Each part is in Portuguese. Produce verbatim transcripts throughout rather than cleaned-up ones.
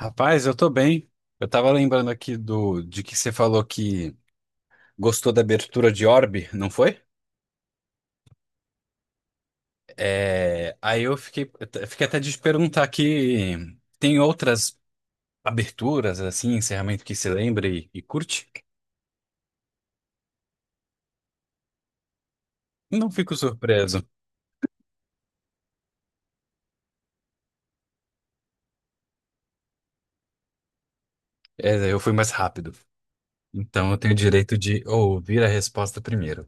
Rapaz, eu tô bem. Eu tava lembrando aqui do de que você falou que gostou da abertura de Orbe, não foi? É, aí eu fiquei, eu t- fiquei até de te perguntar aqui. Tem outras aberturas, assim, encerramento que você lembra e, e curte? Não fico surpreso. É, eu fui mais rápido. Então eu tenho o direito de ouvir a resposta primeiro.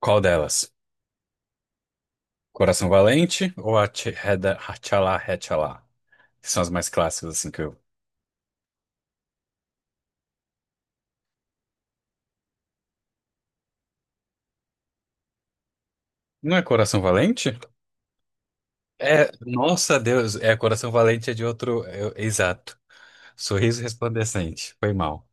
Qual delas? Coração Valente ou a Tchala Hatchala? Que são as mais clássicas, assim, que eu... Não é Coração Valente? É, nossa Deus, é Coração Valente é de outro, é, exato. Sorriso Resplandecente, foi mal.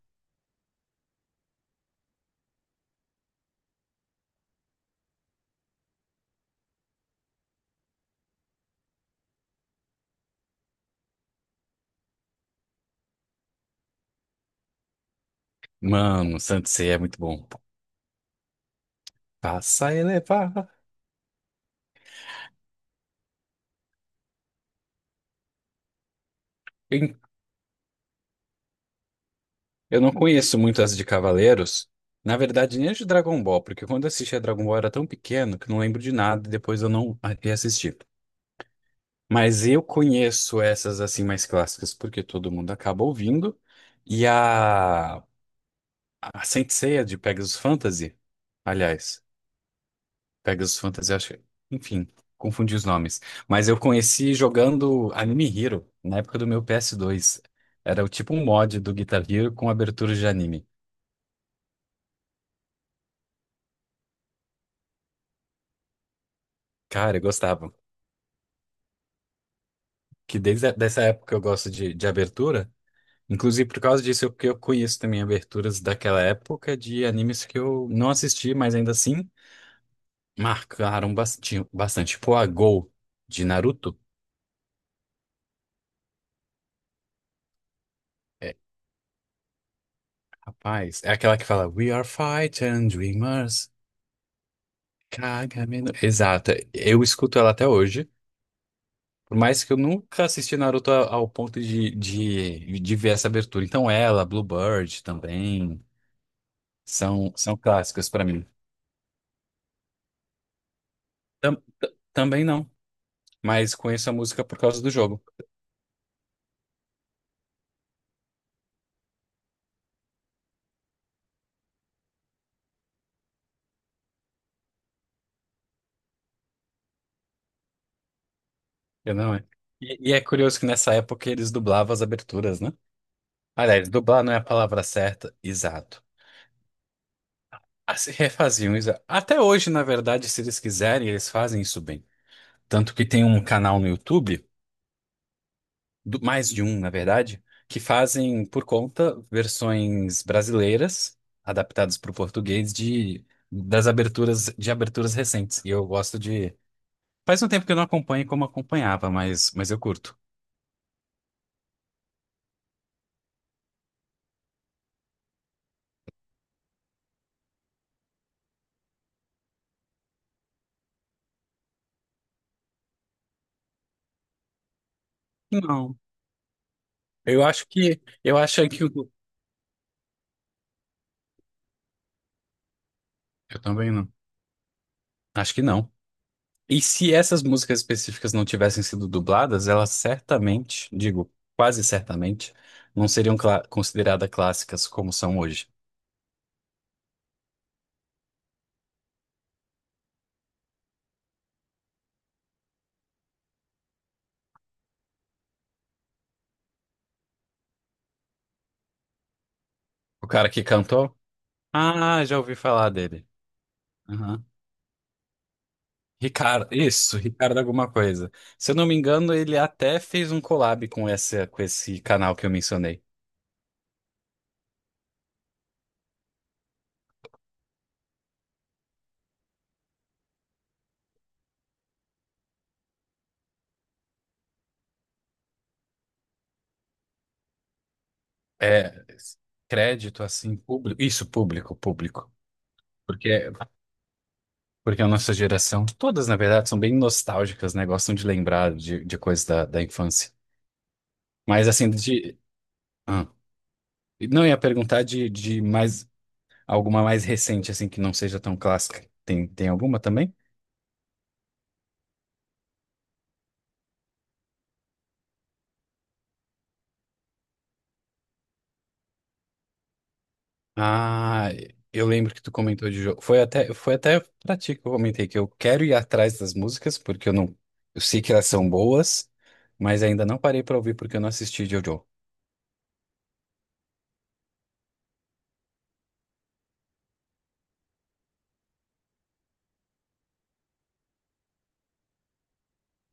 Mano, Santo Sé é muito bom. Passa a elevar. Eu eu não conheço muito as de Cavaleiros, na verdade nem as de Dragon Ball, porque quando eu assistia Dragon Ball eu era tão pequeno que não lembro de nada, e depois eu não reassisti. Mas eu conheço essas assim mais clássicas, porque todo mundo acaba ouvindo. E a, a Saint Seiya de Pegasus Fantasy, aliás. Pegasus Fantasy, acho que... Enfim, confundi os nomes. Mas eu conheci jogando Anime Hero, na época do meu p s dois. Era o tipo um mod do Guitar Hero com abertura de anime. Cara, eu gostava. Que desde a- dessa época eu gosto de, de abertura. Inclusive, por causa disso, eu, que eu conheço também aberturas daquela época de animes que eu não assisti, mas ainda assim marcaram bastante. bastante. Tipo a Go de Naruto. É, rapaz, é aquela que fala We are fighting dreamers. Caraca, menor. Exato. Eu escuto ela até hoje, por mais que eu nunca assisti Naruto a- ao ponto de, de, de ver essa abertura. Então ela, Bluebird também, são, são clássicas pra mim. Tam- Também não, mas conheço a música por causa do jogo. Eu não é. E, e é curioso que nessa época eles dublavam as aberturas, né? Aliás, dublar não é a palavra certa, exato. Assim, refaziam, isso. Até hoje, na verdade, se eles quiserem, eles fazem isso bem. Tanto que tem um canal no YouTube, do- mais de um, na verdade, que fazem por conta versões brasileiras adaptadas para o português de das aberturas de aberturas recentes. E eu gosto de. Faz um tempo que eu não acompanho como acompanhava, mas mas eu curto. Não, eu acho que eu acho que o- eu também não. Acho que não. E se essas músicas específicas não tivessem sido dubladas, elas certamente, digo, quase certamente, não seriam cla- consideradas clássicas como são hoje. O cara que cantou. Ah, já ouvi falar dele. Aham. Ricardo, isso, Ricardo alguma coisa. Se eu não me engano, ele até fez um collab com essa, com esse canal que eu mencionei. É, crédito assim, público. Isso, público, público. Porque, porque a nossa geração, todas na verdade, são bem nostálgicas, né? Gostam de lembrar de, de coisas da, da infância. Mas assim, de. Ah, não ia perguntar de, de mais alguma mais recente, assim, que não seja tão clássica. Tem, tem alguma também? Ah, eu lembro que tu comentou de jogo. Foi até, foi até pra ti que eu comentei que eu quero ir atrás das músicas, porque eu não. Eu sei que elas são boas, mas ainda não parei pra ouvir porque eu não assisti JoJo.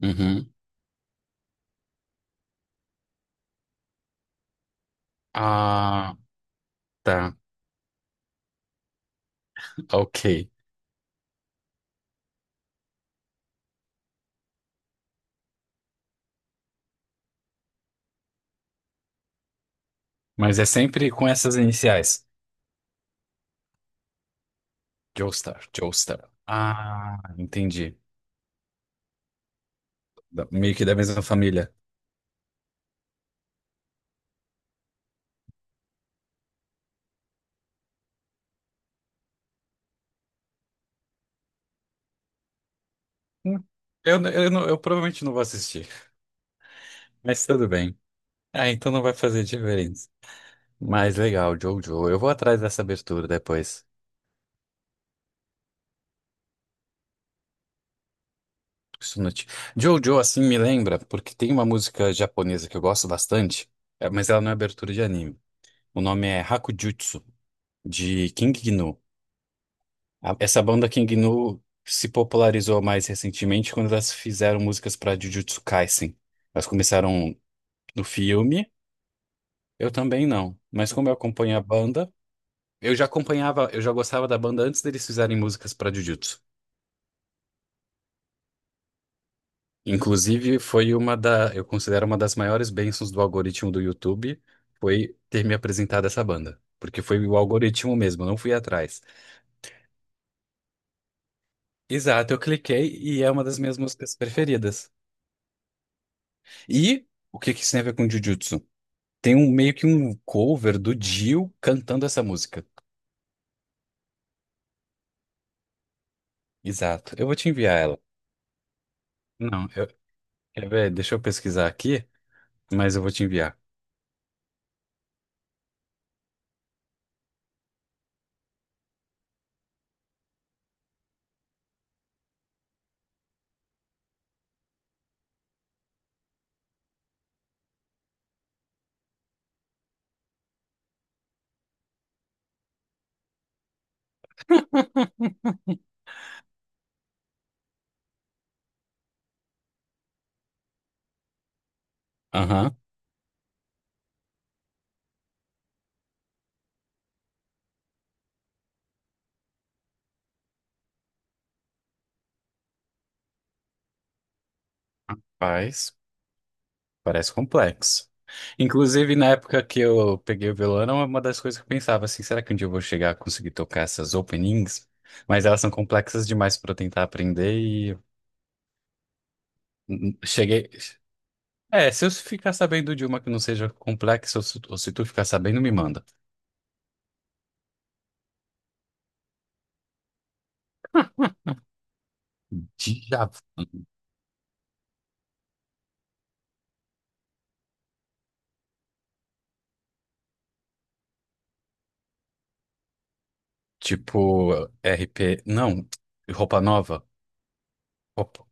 Uhum. Ah, tá. Ok. Mas é sempre com essas iniciais. Joestar, Joestar. Ah, entendi. Da- Meio que da mesma família. Hum. Eu, eu, não- eu provavelmente não vou assistir, mas tudo bem. Ah, então não vai fazer diferença. Mas legal, Jojo. Eu vou atrás dessa abertura depois. Isso não te- Jojo, assim, me lembra, porque tem uma música japonesa que eu gosto bastante, é, mas ela não é abertura de anime. O nome é Hakujutsu, de King Gnu. A- Essa banda King Gnu se popularizou mais recentemente quando elas fizeram músicas para Jujutsu Kaisen. Elas começaram no filme, eu também não. Mas como eu acompanho a banda, eu já acompanhava, eu já gostava da banda antes deles fizerem músicas para Jujutsu. Inclusive, foi uma da, eu considero uma das maiores bênçãos do algoritmo do YouTube, foi ter me apresentado essa banda. Porque foi o algoritmo mesmo, eu não fui atrás. Exato, eu cliquei e é uma das minhas músicas preferidas. E o que que isso tem a ver com Jujutsu? Tem um meio que um cover do Dio cantando essa música. Exato, eu vou te enviar ela. Não, eu, quer ver? Deixa eu pesquisar aqui. Mas eu vou te enviar. Aham, faz. Parece complexo. Inclusive, na época que eu peguei o violão, era uma das coisas que eu pensava assim, será que um dia eu vou chegar a conseguir tocar essas openings? Mas elas são complexas demais para eu tentar aprender e hum, hum, cheguei. É, se eu ficar sabendo de uma que não seja complexa, ou se ou se tu ficar sabendo, me manda. Tipo, R P. Não, roupa nova. Opa,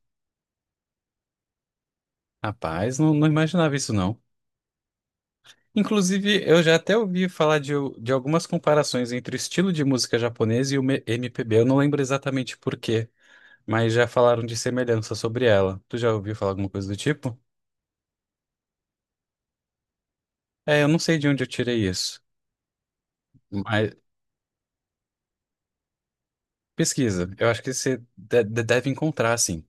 rapaz, não, não imaginava isso, não. Inclusive, eu já até ouvi falar de, de algumas comparações entre o estilo de música japonesa e o me- M P B. Eu não lembro exatamente por quê, mas já falaram de semelhança sobre ela. Tu já ouviu falar alguma coisa do tipo? É, eu não sei de onde eu tirei isso, mas pesquisa. Eu acho que você de- de- deve encontrar, sim.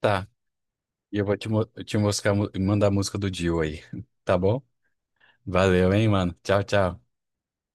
Tá, e eu vou te, mo- te mostrar, mu- mandar a música do Dio aí, tá bom? Valeu, hein, mano. Tchau, tchau.